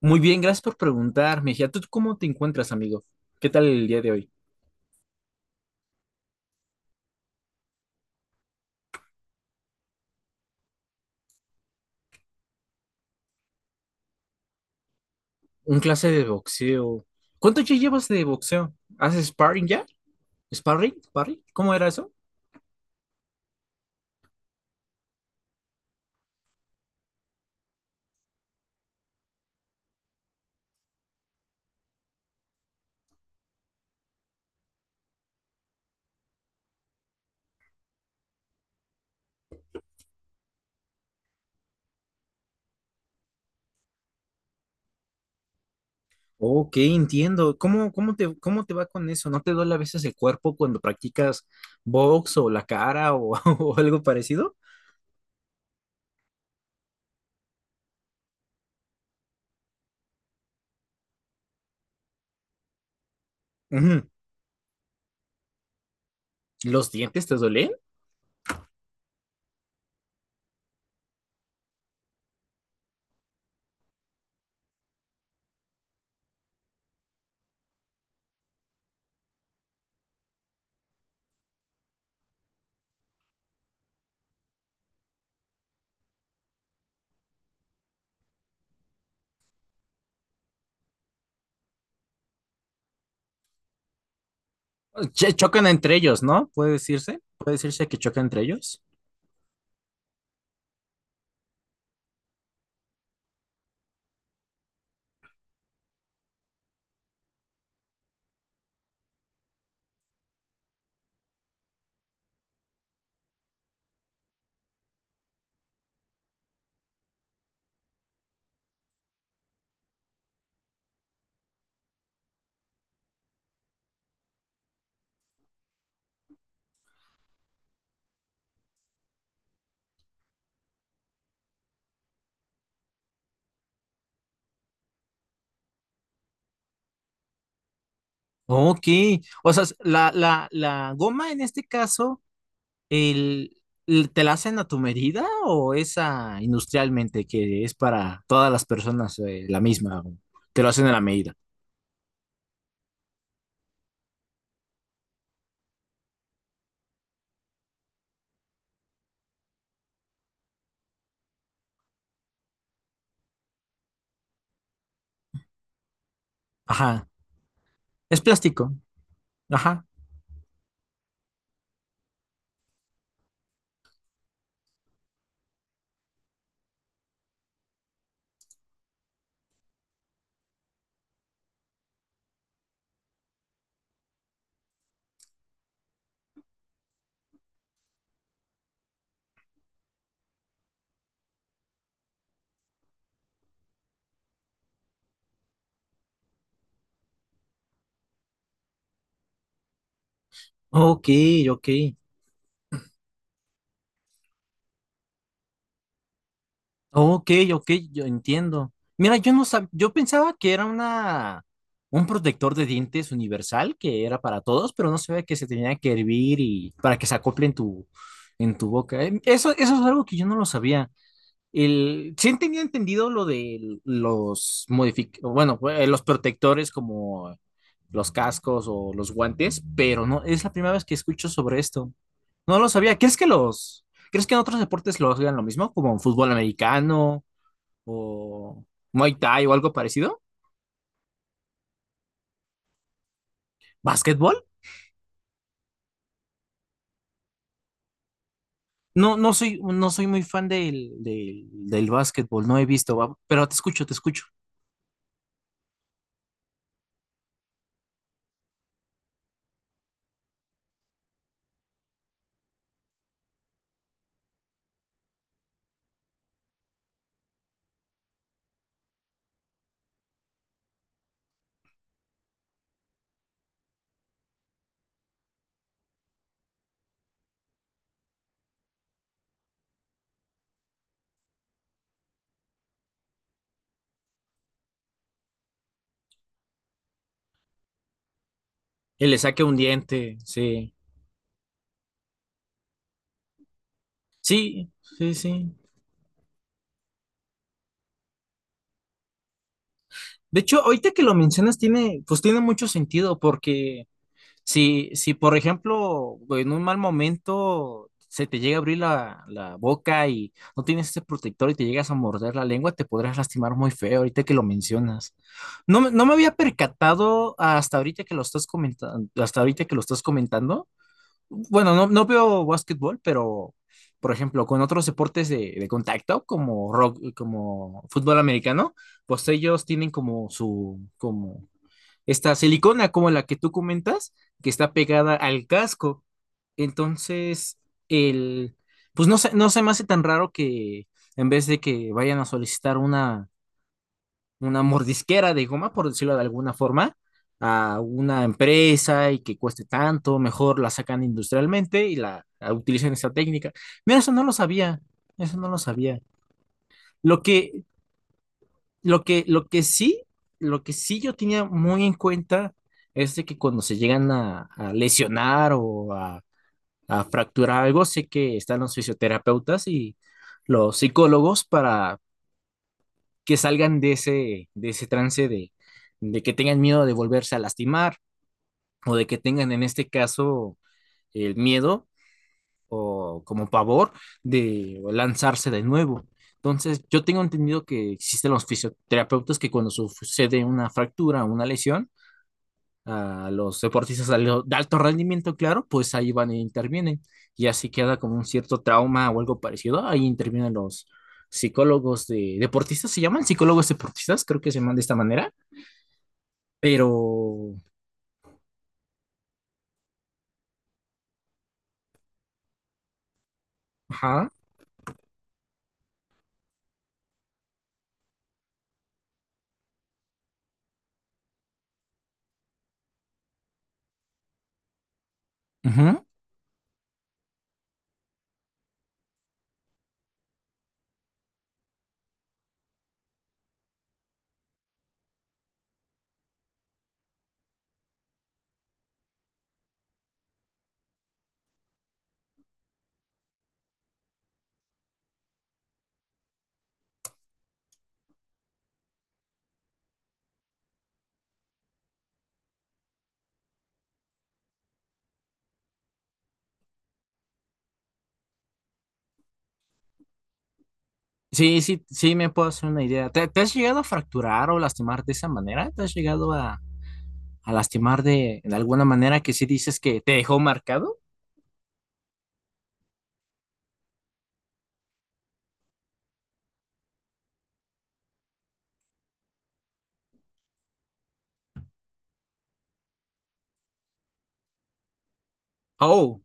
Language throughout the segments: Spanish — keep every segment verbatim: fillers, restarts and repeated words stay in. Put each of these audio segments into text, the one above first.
Muy bien, gracias por preguntar, Mejía. ¿Tú cómo te encuentras, amigo? ¿Qué tal el día de hoy? Un clase de boxeo. ¿Cuánto ya llevas de boxeo? ¿Haces sparring ya? ¿Sparring? ¿Sparring? ¿Cómo era eso? Ok, entiendo. ¿Cómo, cómo te, cómo te va con eso? ¿No te duele a veces el cuerpo cuando practicas box o la cara o, o algo parecido? Ujú. ¿Los dientes te duelen? Ch- chocan entre ellos, ¿no? ¿Puede decirse? ¿Puede decirse que chocan entre ellos? Ok, o sea, la, la, la goma en este caso. El, el- ¿Te la hacen a tu medida o esa industrialmente que es para todas las personas eh, la misma? O te lo hacen a la medida. Ajá. Es plástico. Ajá. Ok, ok. Ok, ok, yo entiendo. Mira, yo no sab- yo pensaba que era una un protector de dientes universal que era para todos, pero no sabía que se tenía que hervir y para que se acople en tu en tu boca. Eh, Eso, eso es algo que yo no lo sabía. El, sí tenía entendido lo de los modific, bueno, eh, los protectores como los cascos o los guantes, pero no, es la primera vez que escucho sobre esto. No lo sabía. ¿Crees que los, crees que en otros deportes lo hagan lo mismo, como en fútbol americano o Muay Thai o algo parecido? ¿Básquetbol? No, no soy, no soy muy fan del, del, del básquetbol, no he visto, va, pero te escucho, te escucho. Él le saque un diente, sí. Sí, sí, sí. De hecho, ahorita que lo mencionas, tiene, pues tiene mucho sentido, porque si, si por ejemplo, en un mal momento se te llega a abrir la, la boca y no tienes ese protector y te llegas a morder la lengua, te podrás lastimar muy feo ahorita que lo mencionas. No, me- no me había percatado hasta ahorita que lo estás comentando, hasta ahorita que lo estás comentando, bueno, no, no veo básquetbol, pero por ejemplo, con otros deportes de, de contacto, como rock, como fútbol americano, pues ellos tienen como su, como esta silicona, como la que tú comentas, que está pegada al casco. Entonces, el, pues no se, no se me hace tan raro que en vez de que vayan a solicitar una una mordisquera de goma, por decirlo de alguna forma, a una empresa y que cueste tanto, mejor la sacan industrialmente y la, la utilizan esa técnica. Mira, eso no lo sabía, eso no lo sabía. Lo que, lo que, lo que sí, lo que sí yo tenía muy en cuenta es de que cuando se llegan a, a lesionar o a, a fracturar algo, sé que están los fisioterapeutas y los psicólogos para que salgan de ese, de ese trance de, de que tengan miedo de volverse a lastimar o de que tengan en este caso el miedo o como pavor de lanzarse de nuevo. Entonces, yo tengo entendido que existen los fisioterapeutas que cuando sucede una fractura o una lesión, a los deportistas de al- de alto rendimiento, claro, pues ahí van e intervienen. Y así queda como un cierto trauma o algo parecido. Ahí intervienen los psicólogos de deportistas, se llaman psicólogos deportistas, creo que se llaman de esta manera. Pero, ajá, ujú. Sí, sí, sí, me puedo hacer una idea. ¿Te, te has llegado a fracturar o lastimar de esa manera? ¿Te has llegado a, a lastimar de, de alguna manera que sí dices que te dejó marcado? Oh,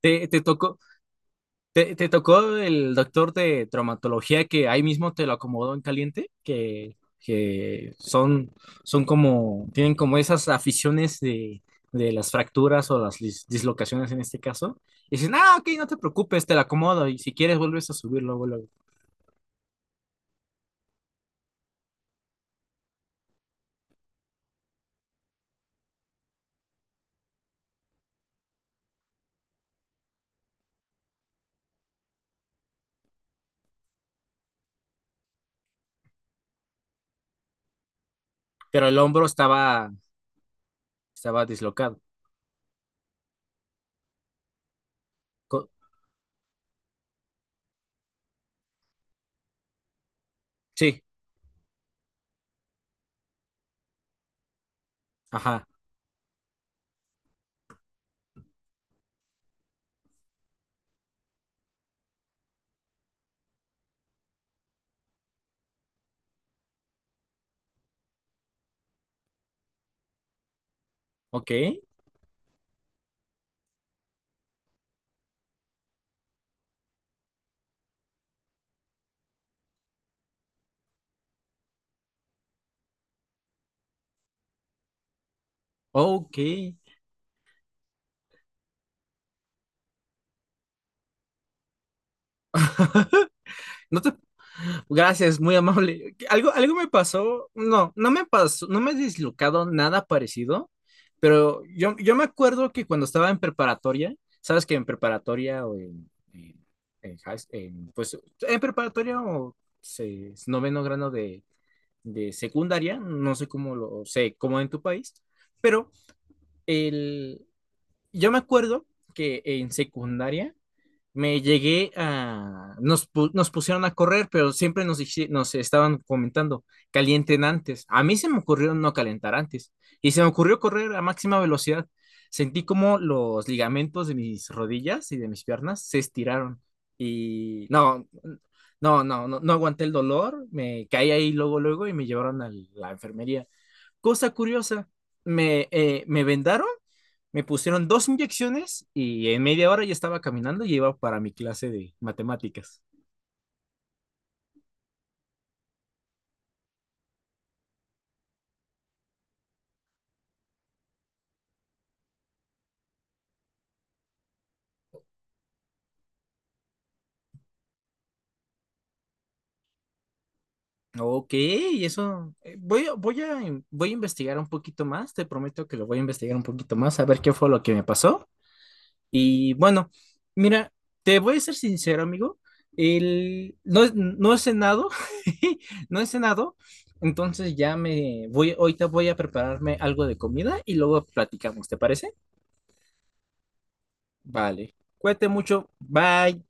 te, te tocó. ¿Te, te tocó el doctor de traumatología que ahí mismo te lo acomodó en caliente? Que, que son, son como, tienen como esas aficiones de, de las fracturas o las dis- dislocaciones en este caso. Y dicen, ah, ok, no te preocupes, te lo acomodo. Y si quieres, vuelves a subirlo, luego, luego". Pero el hombro estaba, estaba dislocado. Co- sí, ajá, ok, ok. No te Gracias, muy amable. Algo, algo me pasó, no, no me pasó, no me he dislocado nada parecido, pero yo, yo me acuerdo que cuando estaba en preparatoria, sabes que en preparatoria o en, en- en high- en, pues en preparatoria o se- noveno grado de, de secundaria, no sé cómo lo sé, cómo en tu país, pero el, yo me acuerdo que en secundaria me llegué a... Nos, pu- nos pusieron a correr, pero siempre nos, dici- nos estaban comentando, calienten antes. A mí se me ocurrió no calentar antes y se me ocurrió correr a máxima velocidad. Sentí como los ligamentos de mis rodillas y de mis piernas se estiraron y no, no, no, no, no aguanté el dolor, me caí ahí luego, luego y me llevaron a la enfermería. Cosa curiosa, me, eh, me vendaron me pusieron dos inyecciones y en media hora ya estaba caminando y iba para mi clase de matemáticas. Ok, eso eh, voy, a- voy, a, in- voy a investigar un poquito más, te prometo que lo voy a investigar un poquito más, a ver qué fue lo que me pasó. Y bueno, mira, te voy a ser sincero, amigo, el, no, he- no he cenado, no he cenado, entonces ya me voy, ahorita voy a prepararme algo de comida y luego platicamos, ¿te parece? Vale, cuídate mucho, bye.